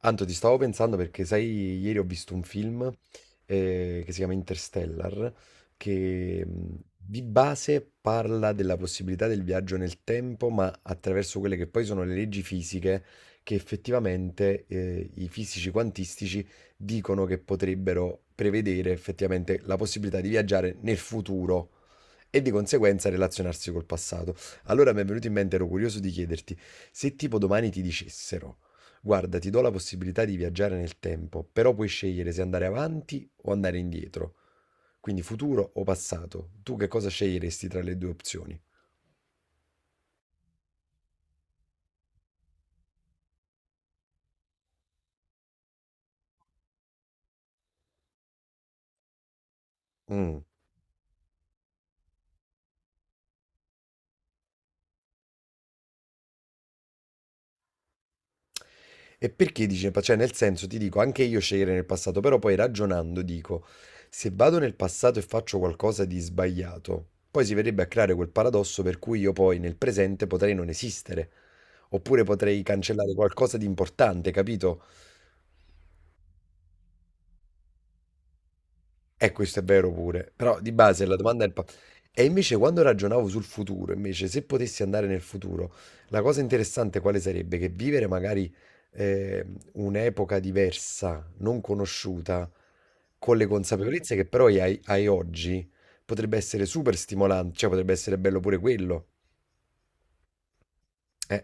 Anto, ti stavo pensando perché, sai, ieri ho visto un film che si chiama Interstellar, che di base parla della possibilità del viaggio nel tempo, ma attraverso quelle che poi sono le leggi fisiche che effettivamente i fisici quantistici dicono che potrebbero prevedere effettivamente la possibilità di viaggiare nel futuro e di conseguenza relazionarsi col passato. Allora mi è venuto in mente, ero curioso di chiederti, se tipo domani ti dicessero: guarda, ti do la possibilità di viaggiare nel tempo, però puoi scegliere se andare avanti o andare indietro, quindi futuro o passato. Tu che cosa sceglieresti tra le due opzioni? Mm. E perché dice, cioè nel senso ti dico, anche io scegliere nel passato, però poi ragionando dico, se vado nel passato e faccio qualcosa di sbagliato, poi si verrebbe a creare quel paradosso per cui io poi nel presente potrei non esistere, oppure potrei cancellare qualcosa di importante, capito? E questo è vero pure, però di base la domanda è il. E invece quando ragionavo sul futuro, invece se potessi andare nel futuro, la cosa interessante quale sarebbe? Che vivere magari eh, un'epoca diversa, non conosciuta, con le consapevolezze che però hai oggi, potrebbe essere super stimolante, cioè potrebbe essere bello pure quello. Eh.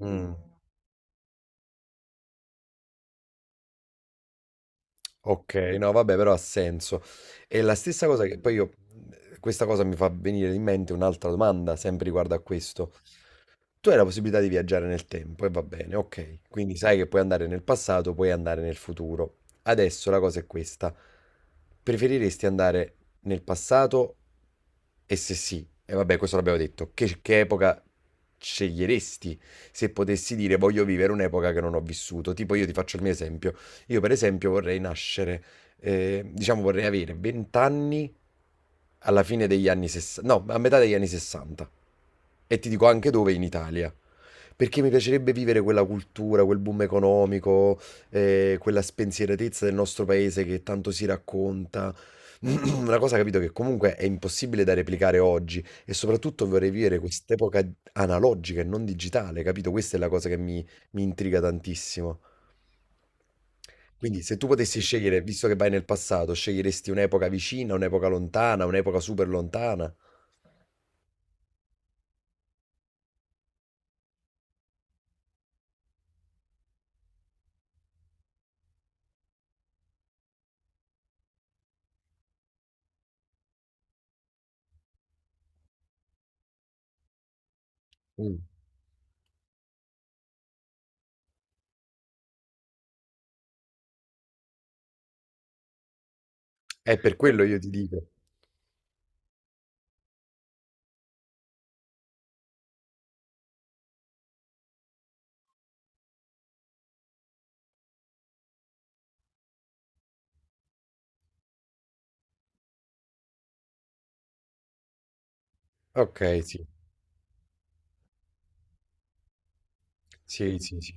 Mm. Ok, no vabbè, però ha senso. E la stessa cosa che poi io, questa cosa mi fa venire in mente un'altra domanda, sempre riguardo a questo. Tu hai la possibilità di viaggiare nel tempo e va bene, ok. Quindi sai che puoi andare nel passato, puoi andare nel futuro. Adesso la cosa è questa. Preferiresti andare nel passato? E se sì, e vabbè, questo l'abbiamo detto, che epoca sceglieresti se potessi dire voglio vivere un'epoca che non ho vissuto? Tipo io ti faccio il mio esempio. Io per esempio vorrei nascere, diciamo vorrei avere 20 anni alla fine degli anni 60, no, a metà degli anni 60. E ti dico anche dove: in Italia. Perché mi piacerebbe vivere quella cultura, quel boom economico, quella spensieratezza del nostro paese che tanto si racconta. Una cosa, capito, che comunque è impossibile da replicare oggi, e soprattutto vorrei vivere quest'epoca analogica e non digitale, capito? Questa è la cosa che mi intriga tantissimo. Quindi se tu potessi scegliere, visto che vai nel passato, sceglieresti un'epoca vicina, un'epoca lontana, un'epoca super lontana? Mm. È per quello io ti dico. Ok, sì, sì, sì, sì.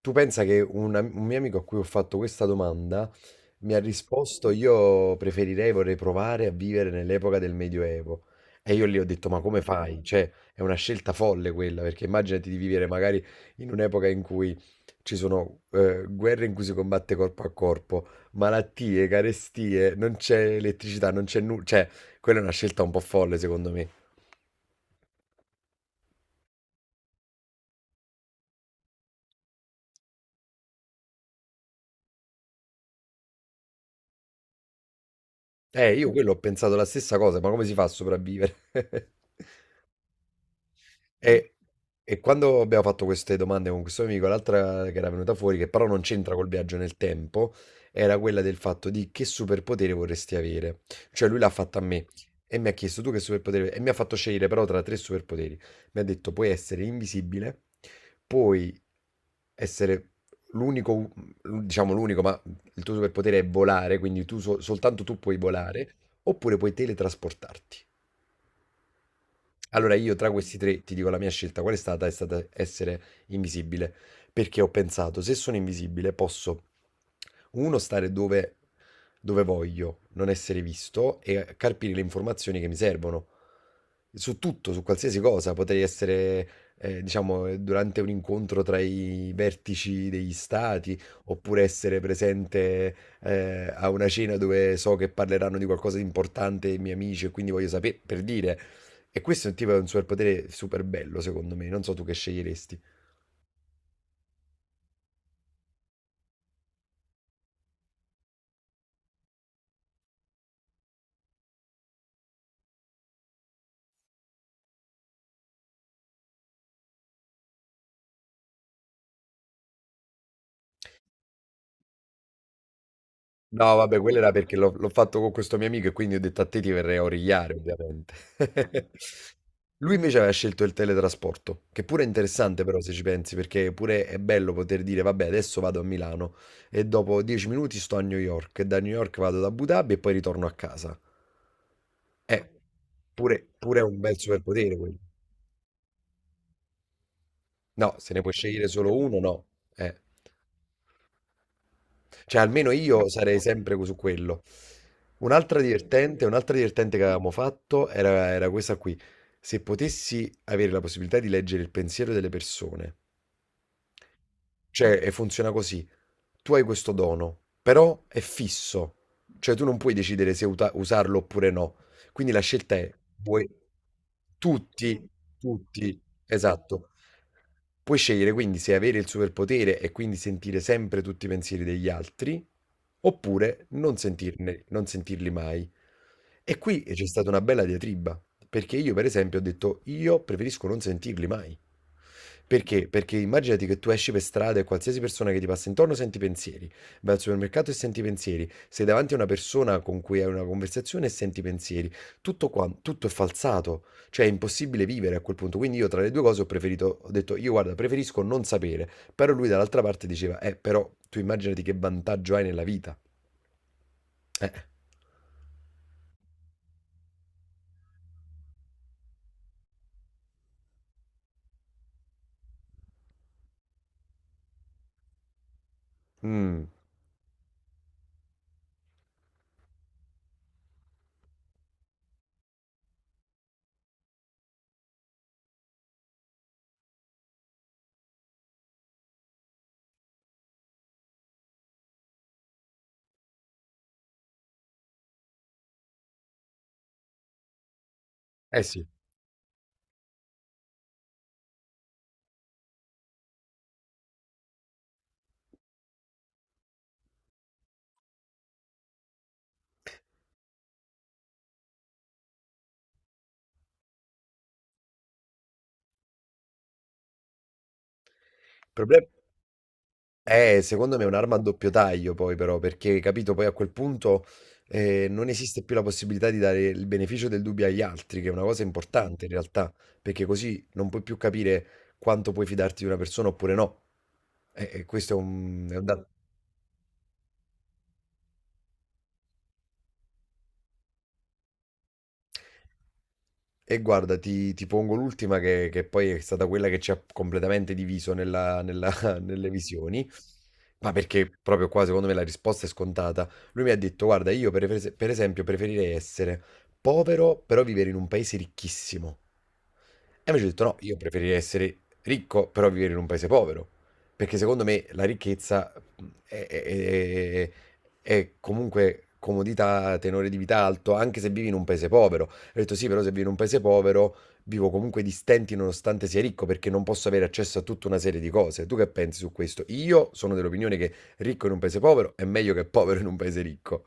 Tu pensa che un mio amico a cui ho fatto questa domanda mi ha risposto: io preferirei, vorrei provare a vivere nell'epoca del Medioevo. E io gli ho detto, ma come fai? Cioè, è una scelta folle quella, perché immaginati di vivere magari in un'epoca in cui ci sono guerre in cui si combatte corpo a corpo, malattie, carestie, non c'è elettricità, non c'è nulla. Cioè, quella è una scelta un po' folle, secondo me. Io quello ho pensato la stessa cosa: ma come si fa a sopravvivere? E, e quando abbiamo fatto queste domande con questo amico, l'altra che era venuta fuori, che però non c'entra col viaggio nel tempo, era quella del fatto di che superpotere vorresti avere. Cioè lui l'ha fatta a me e mi ha chiesto: tu che superpotere. E mi ha fatto scegliere però tra tre superpoteri. Mi ha detto: puoi essere invisibile, puoi essere l'unico, diciamo l'unico, ma il tuo superpotere è volare, quindi tu soltanto tu puoi volare, oppure puoi teletrasportarti. Allora, io tra questi tre ti dico la mia scelta qual è stata? È stata essere invisibile, perché ho pensato, se sono invisibile posso, uno, stare dove voglio, non essere visto e carpire le informazioni che mi servono. Su tutto, su qualsiasi cosa, potrei essere, diciamo, durante un incontro tra i vertici degli stati, oppure essere presente, a una cena dove so che parleranno di qualcosa di importante i miei amici e quindi voglio sapere, per dire. E questo è un tipo, è un superpotere super bello, secondo me. Non so tu che sceglieresti. No, vabbè, quello era perché l'ho fatto con questo mio amico e quindi ho detto a te ti verrei a origliare, ovviamente. Lui invece aveva scelto il teletrasporto, che pure è interessante però se ci pensi, perché pure è bello poter dire, vabbè, adesso vado a Milano e dopo 10 minuti sto a New York, e da New York vado ad Abu Dhabi e poi ritorno a casa. Eh, pure, pure è un bel superpotere quello. No, se ne puoi scegliere solo uno, no. Eh. Cioè, almeno io sarei sempre su quello. Un'altra divertente che avevamo fatto era questa qui. Se potessi avere la possibilità di leggere il pensiero delle persone, cioè, e funziona così: tu hai questo dono, però è fisso, cioè tu non puoi decidere se usarlo oppure no. Quindi la scelta è, vuoi tutti, tutti, esatto. Puoi scegliere quindi se avere il superpotere e quindi sentire sempre tutti i pensieri degli altri, oppure non sentirne, non sentirli mai. E qui c'è stata una bella diatriba, perché io per esempio ho detto, io preferisco non sentirli mai. Perché? Perché immaginati che tu esci per strada e qualsiasi persona che ti passa intorno senti pensieri, vai al supermercato e senti pensieri, sei davanti a una persona con cui hai una conversazione e senti pensieri, tutto qua, tutto è falsato, cioè è impossibile vivere a quel punto, quindi io tra le due cose ho preferito, ho detto: io guarda preferisco non sapere, però lui dall'altra parte diceva: eh, però tu immaginati che vantaggio hai nella vita. eh, mm, eh sì, il problema. Secondo me è un'arma a doppio taglio poi però, perché capito, poi a quel punto non esiste più la possibilità di dare il beneficio del dubbio agli altri, che è una cosa importante in realtà, perché così non puoi più capire quanto puoi fidarti di una persona oppure no. E questo è un E guarda, ti pongo l'ultima che poi è stata quella che ci ha completamente diviso nelle visioni, ma perché proprio qua secondo me la risposta è scontata. Lui mi ha detto: guarda, io per esempio preferirei essere povero, però vivere in un paese ricchissimo. E invece ho detto, no, io preferirei essere ricco, però vivere in un paese povero, perché secondo me la ricchezza è, è- è- è comunque comodità, tenore di vita alto, anche se vivi in un paese povero. Ho detto sì, però se vivo in un paese povero vivo comunque di stenti nonostante sia ricco perché non posso avere accesso a tutta una serie di cose. Tu che pensi su questo? Io sono dell'opinione che ricco in un paese povero è meglio che povero in un paese ricco.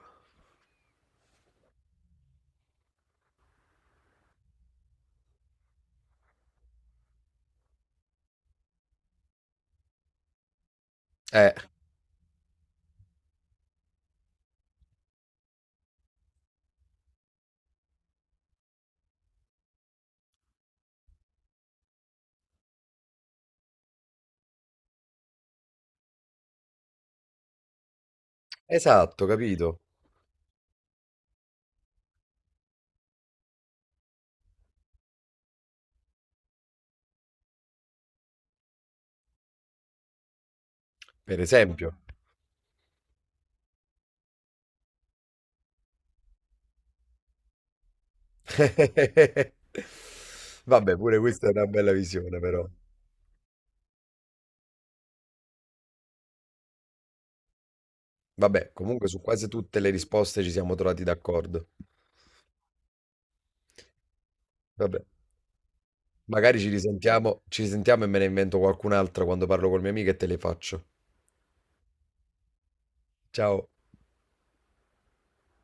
Eh, esatto, capito? Per esempio. Vabbè, pure questa è una bella visione, però. Vabbè, comunque su quasi tutte le risposte ci siamo trovati d'accordo. Vabbè, magari ci risentiamo e me ne invento qualcun'altra quando parlo col mio amico e te le faccio. Ciao.